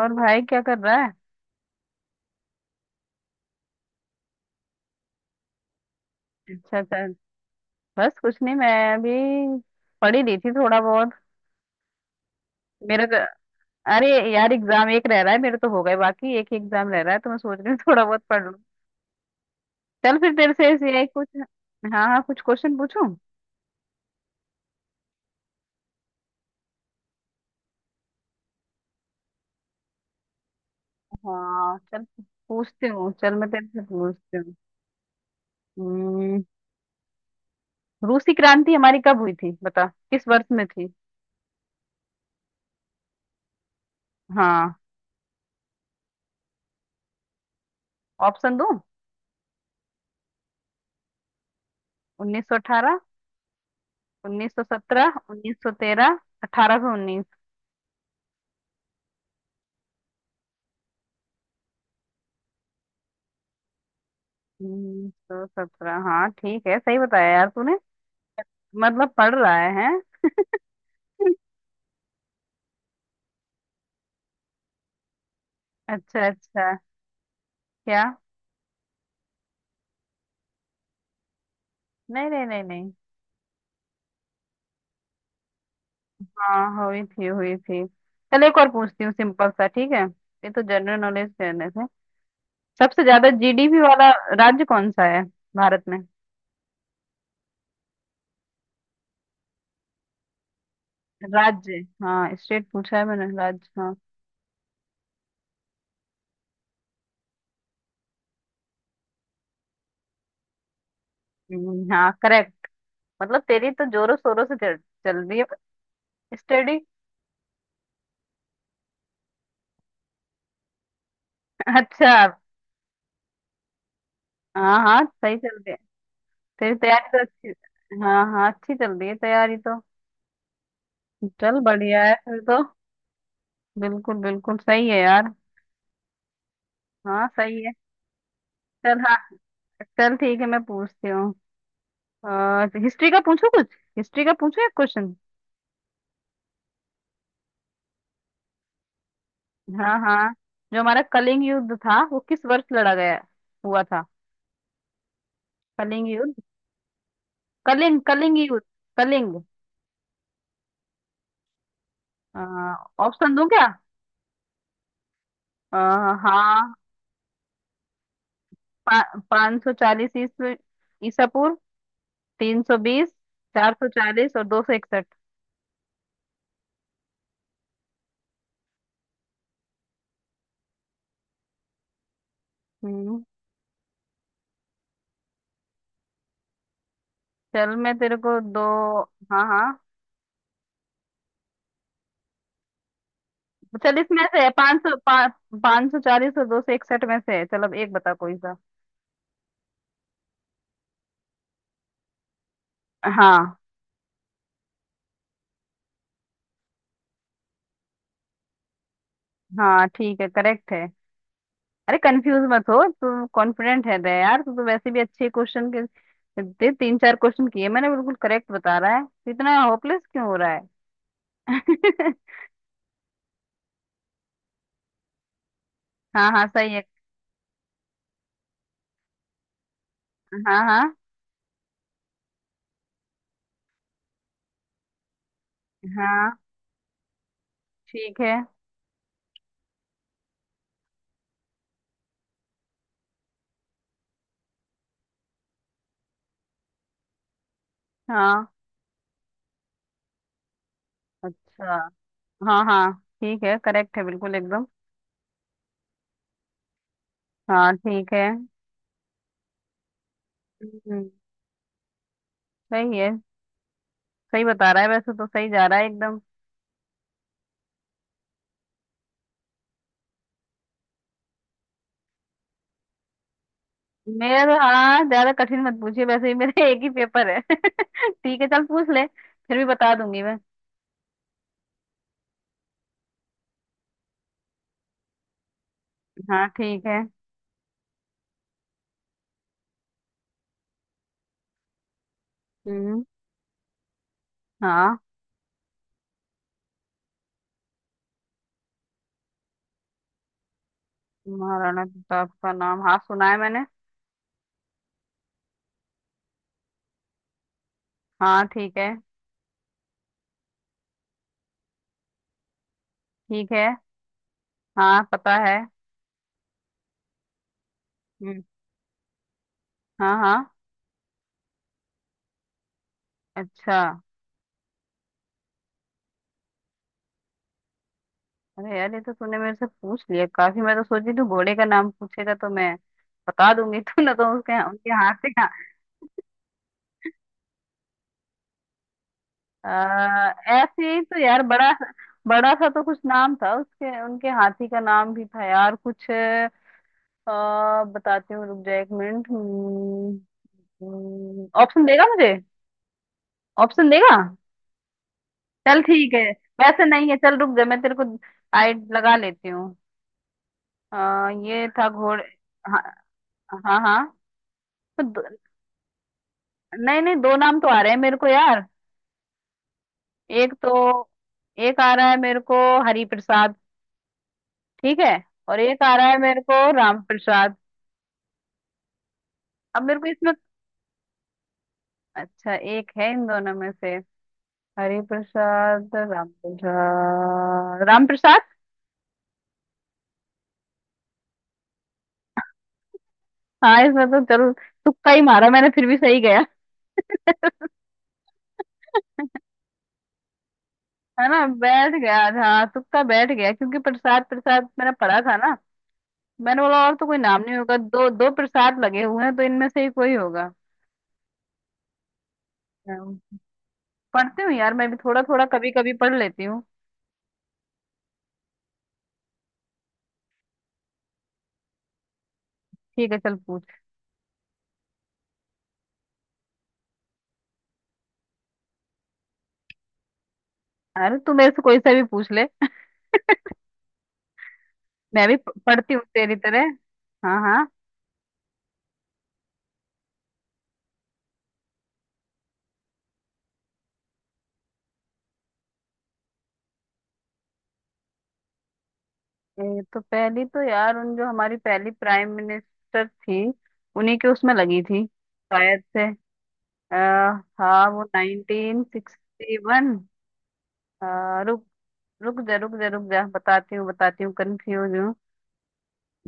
और भाई क्या कर रहा है? अच्छा, अच्छा। बस कुछ नहीं, मैं अभी पढ़ ही रही थी थोड़ा बहुत। मेरा तो, अरे यार, एग्जाम एक रह रहा है, मेरे तो हो गए, बाकी एक ही एग्जाम रह रहा है, तो मैं सोच रही हूँ थोड़ा बहुत पढ़ लूँ। चल फिर तेरे से ऐसे ही कुछ, हाँ हाँ, कुछ क्वेश्चन पूछूं। हाँ चल, पूछती हूँ, चल मैं तेरे से पूछती हूँ। हम्म, रूसी क्रांति हमारी कब हुई थी, बता। किस वर्ष में थी? हाँ। ऑप्शन दूं? उन्नीस सौ अठारह, उन्नीस सौ सत्रह, उन्नीस सौ तेरह, अठारह सौ उन्नीस। सौ सत्रह, हाँ ठीक है, सही बताया यार तूने। मतलब पढ़ रहा है हैं? अच्छा, अच्छा। क्या? नहीं नहीं नहीं नहीं। हाँ हुई थी, हुई थी। चल एक और पूछती हूँ, सिंपल सा, ठीक है। ये तो जनरल नॉलेज करने से। सबसे ज्यादा जीडीपी वाला राज्य कौन सा है भारत में? राज्य, हाँ स्टेट पूछा है मैंने, राज्य, हाँ। हाँ, करेक्ट। मतलब तेरी तो जोरों शोरों से चल, चल रही है स्टडी अच्छा। हाँ हाँ, सही चल रही है। तेरी तैयारी तो अच्छी, हाँ हाँ, अच्छी चल रही है तैयारी तो। चल बढ़िया है फिर तो। बिल्कुल बिल्कुल सही है यार। हाँ सही है। चल। हाँ। चल ठीक है, मैं पूछती हूँ। हिस्ट्री का पूछूं, कुछ हिस्ट्री का पूछूं एक क्वेश्चन। हाँ हाँ। जो हमारा कलिंग युद्ध था वो किस वर्ष लड़ा गया, हुआ था? कलिंग युद्ध, कलिंग, कलिंग युद्ध, कलिंग। ऑप्शन दूं क्या? अ, हाँ। पाँच सौ चालीस ईसा पूर्व, तीन सौ बीस, चार सौ चालीस और दो सौ इकसठ। हम्म चल मैं तेरे को दो। हाँ हाँ। चल इसमें से पाँच सौ, पाँच सौ चालीस और दो सौ इकसठ में से है, चल अब एक बता कोई सा। हाँ, हाँ ठीक है, करेक्ट है। अरे कंफ्यूज मत हो तू, कॉन्फिडेंट है रे यार तू तो, वैसे भी अच्छे क्वेश्चन के दे, तीन चार क्वेश्चन किए मैंने, बिल्कुल करेक्ट बता रहा है, तो इतना होपलेस क्यों हो रहा है? हाँ हाँ सही है। हाँ हाँ। हाँ ठीक है। हाँ। अच्छा। हाँ हाँ ठीक है, करेक्ट है बिल्कुल एकदम। हाँ ठीक है। हम्म सही है। सही बता रहा है, वैसे तो सही जा रहा है एकदम। मेरा तो, हाँ, ज्यादा कठिन मत पूछिए, वैसे ही मेरा एक ही पेपर है ठीक है चल पूछ ले, फिर भी बता दूंगी मैं। हाँ ठीक है। हम्म हाँ। महाराणा प्रताप का नाम, हाँ सुना है मैंने। हाँ ठीक है, ठीक है। हाँ पता है। हम्म हाँ हाँ। अच्छा। अरे यार ये तो तूने मेरे से पूछ लिया काफी, मैं तो सोची तू घोड़े का नाम पूछेगा, तो मैं बता दूंगी तू ना तो उसके उनके हाथ से। आ, ऐसे ही तो यार बड़ा, बड़ा सा तो कुछ नाम था, उसके उनके हाथी का नाम भी था यार कुछ। बताती हूँ, रुक जा एक मिनट। ऑप्शन देगा मुझे? ऑप्शन देगा? चल ठीक है। वैसे नहीं है, चल रुक जा, मैं तेरे को। आई लगा लेती हूँ। ये था घोड़े। हाँ। हाँ हाँ। तो दो, नहीं नहीं दो नाम तो आ रहे हैं मेरे को यार। एक तो, एक आ रहा है मेरे को, हरि प्रसाद। ठीक है। और एक आ रहा है मेरे को, राम प्रसाद। अब मेरे को इसमें, अच्छा एक है इन दोनों में से, हरि प्रसाद, राम प्रसाद, राम प्रसाद। हाँ, इसमें तो चलो तुक्का ही मारा मैंने, फिर भी सही गया। है ना, बैठ गया। हाँ, तुक्का बैठ गया क्योंकि प्रसाद प्रसाद मैंने पढ़ा था ना। मैंने बोला और तो कोई नाम नहीं होगा, दो दो प्रसाद लगे हुए हैं तो इनमें से ही कोई होगा। हाँ, पढ़ती हूँ यार मैं भी थोड़ा थोड़ा कभी कभी पढ़ लेती हूँ। ठीक है चल पूछ। अरे तू मेरे से कोई सा भी पूछ ले मैं भी पढ़ती हूँ तेरी तरह। हाँ हाँ। ये तो पहली तो यार, उन जो हमारी पहली प्राइम मिनिस्टर थी, उन्हीं के उसमें लगी थी शायद से। आ, हाँ वो नाइनटीन सिक्सटी वन। रुक, रुक जा रुक जा रुक जा, बताती हूँ बताती हूँ, कंफ्यूज हूँ।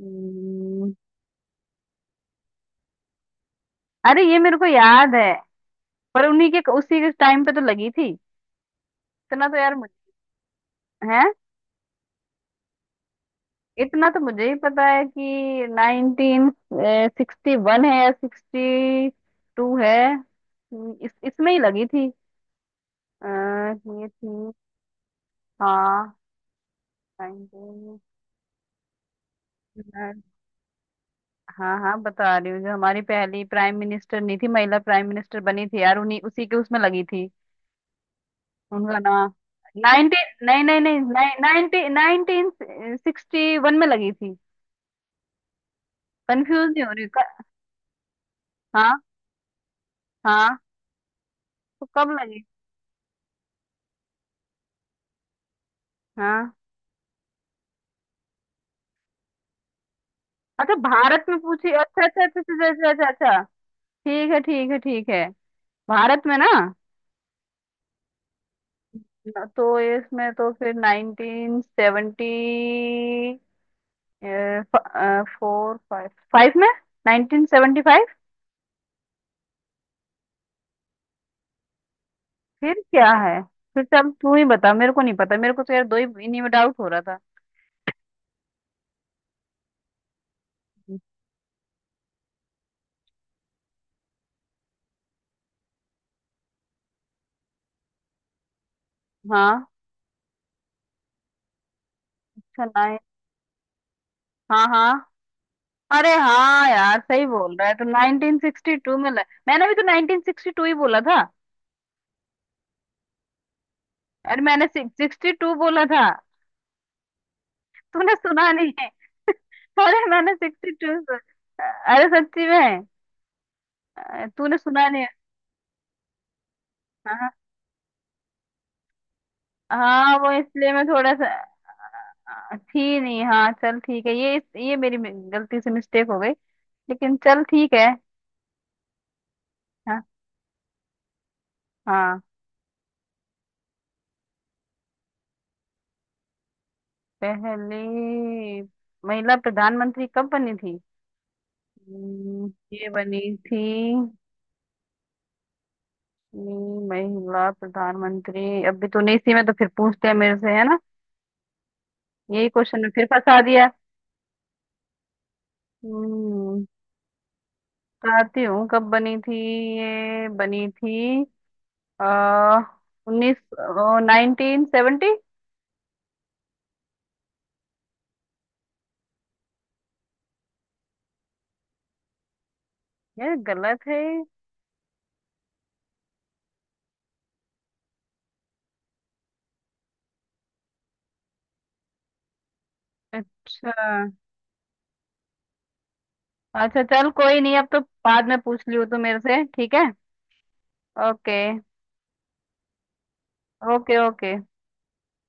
हम्म, अरे ये मेरे को याद है, पर उन्हीं के उसी के टाइम पे तो लगी थी, इतना तो यार मुझे है। इतना तो मुझे ही पता है कि नाइनटीन सिक्सटी वन है या सिक्सटी टू है, इस इसमें ही लगी थी। ये थी। हाँ। 19। हाँ हाँ बता रही हूँ, जो हमारी पहली प्राइम मिनिस्टर नहीं थी, महिला प्राइम मिनिस्टर बनी थी यार, उन्हीं उसी के उसमें लगी थी। उनका नाम, नाइनटीन, नहीं नहीं नहीं, नाइनटीन सिक्सटी वन में लगी थी। कंफ्यूज नहीं हो रही हाँ हाँ। तो कब लगी? हाँ। अच्छा भारत में पूछी, अच्छा अच्छा अच्छा अच्छा अच्छा अच्छा अच्छा। ठीक है ठीक है ठीक है। भारत में ना, ना तो इसमें तो फिर nineteen seventy four, five, five में, नाइनटीन सेवेंटी फाइव। फिर क्या है? फिर से अब तू ही बता, मेरे को नहीं पता, मेरे को तो यार दो ही इन्हीं में डाउट हो रहा था। हाँ। अच्छा। नाइन, हाँ हाँ। अरे हाँ यार सही बोल रहा है, तो 1962 में मैंने भी तो 1962 ही बोला था। अरे मैंने 62 बोला था, तूने सुना नहीं है? अरे मैंने 62 अरे सच्ची में, तूने सुना नहीं? हाँ हाँ, वो इसलिए मैं थोड़ा सा, थी नहीं, हाँ चल ठीक है, ये मेरी गलती से मिस्टेक हो गई, लेकिन चल ठीक है। हाँ हाँ। पहली महिला प्रधानमंत्री कब बनी थी? ये बनी थी। महिला प्रधानमंत्री अभी तूने इसी में तो फिर पूछते हैं मेरे से है ना, यही क्वेश्चन में फिर फंसा दिया। हम्म बताती हूँ कब बनी थी, ये बनी थी, आ, उन्नीस, नाइनटीन सेवेंटी। यार गलत है? अच्छा। अच्छा चल कोई नहीं, अब तो बाद में पूछ लियो तू मेरे से, ठीक है। ओके। ओके। ओके।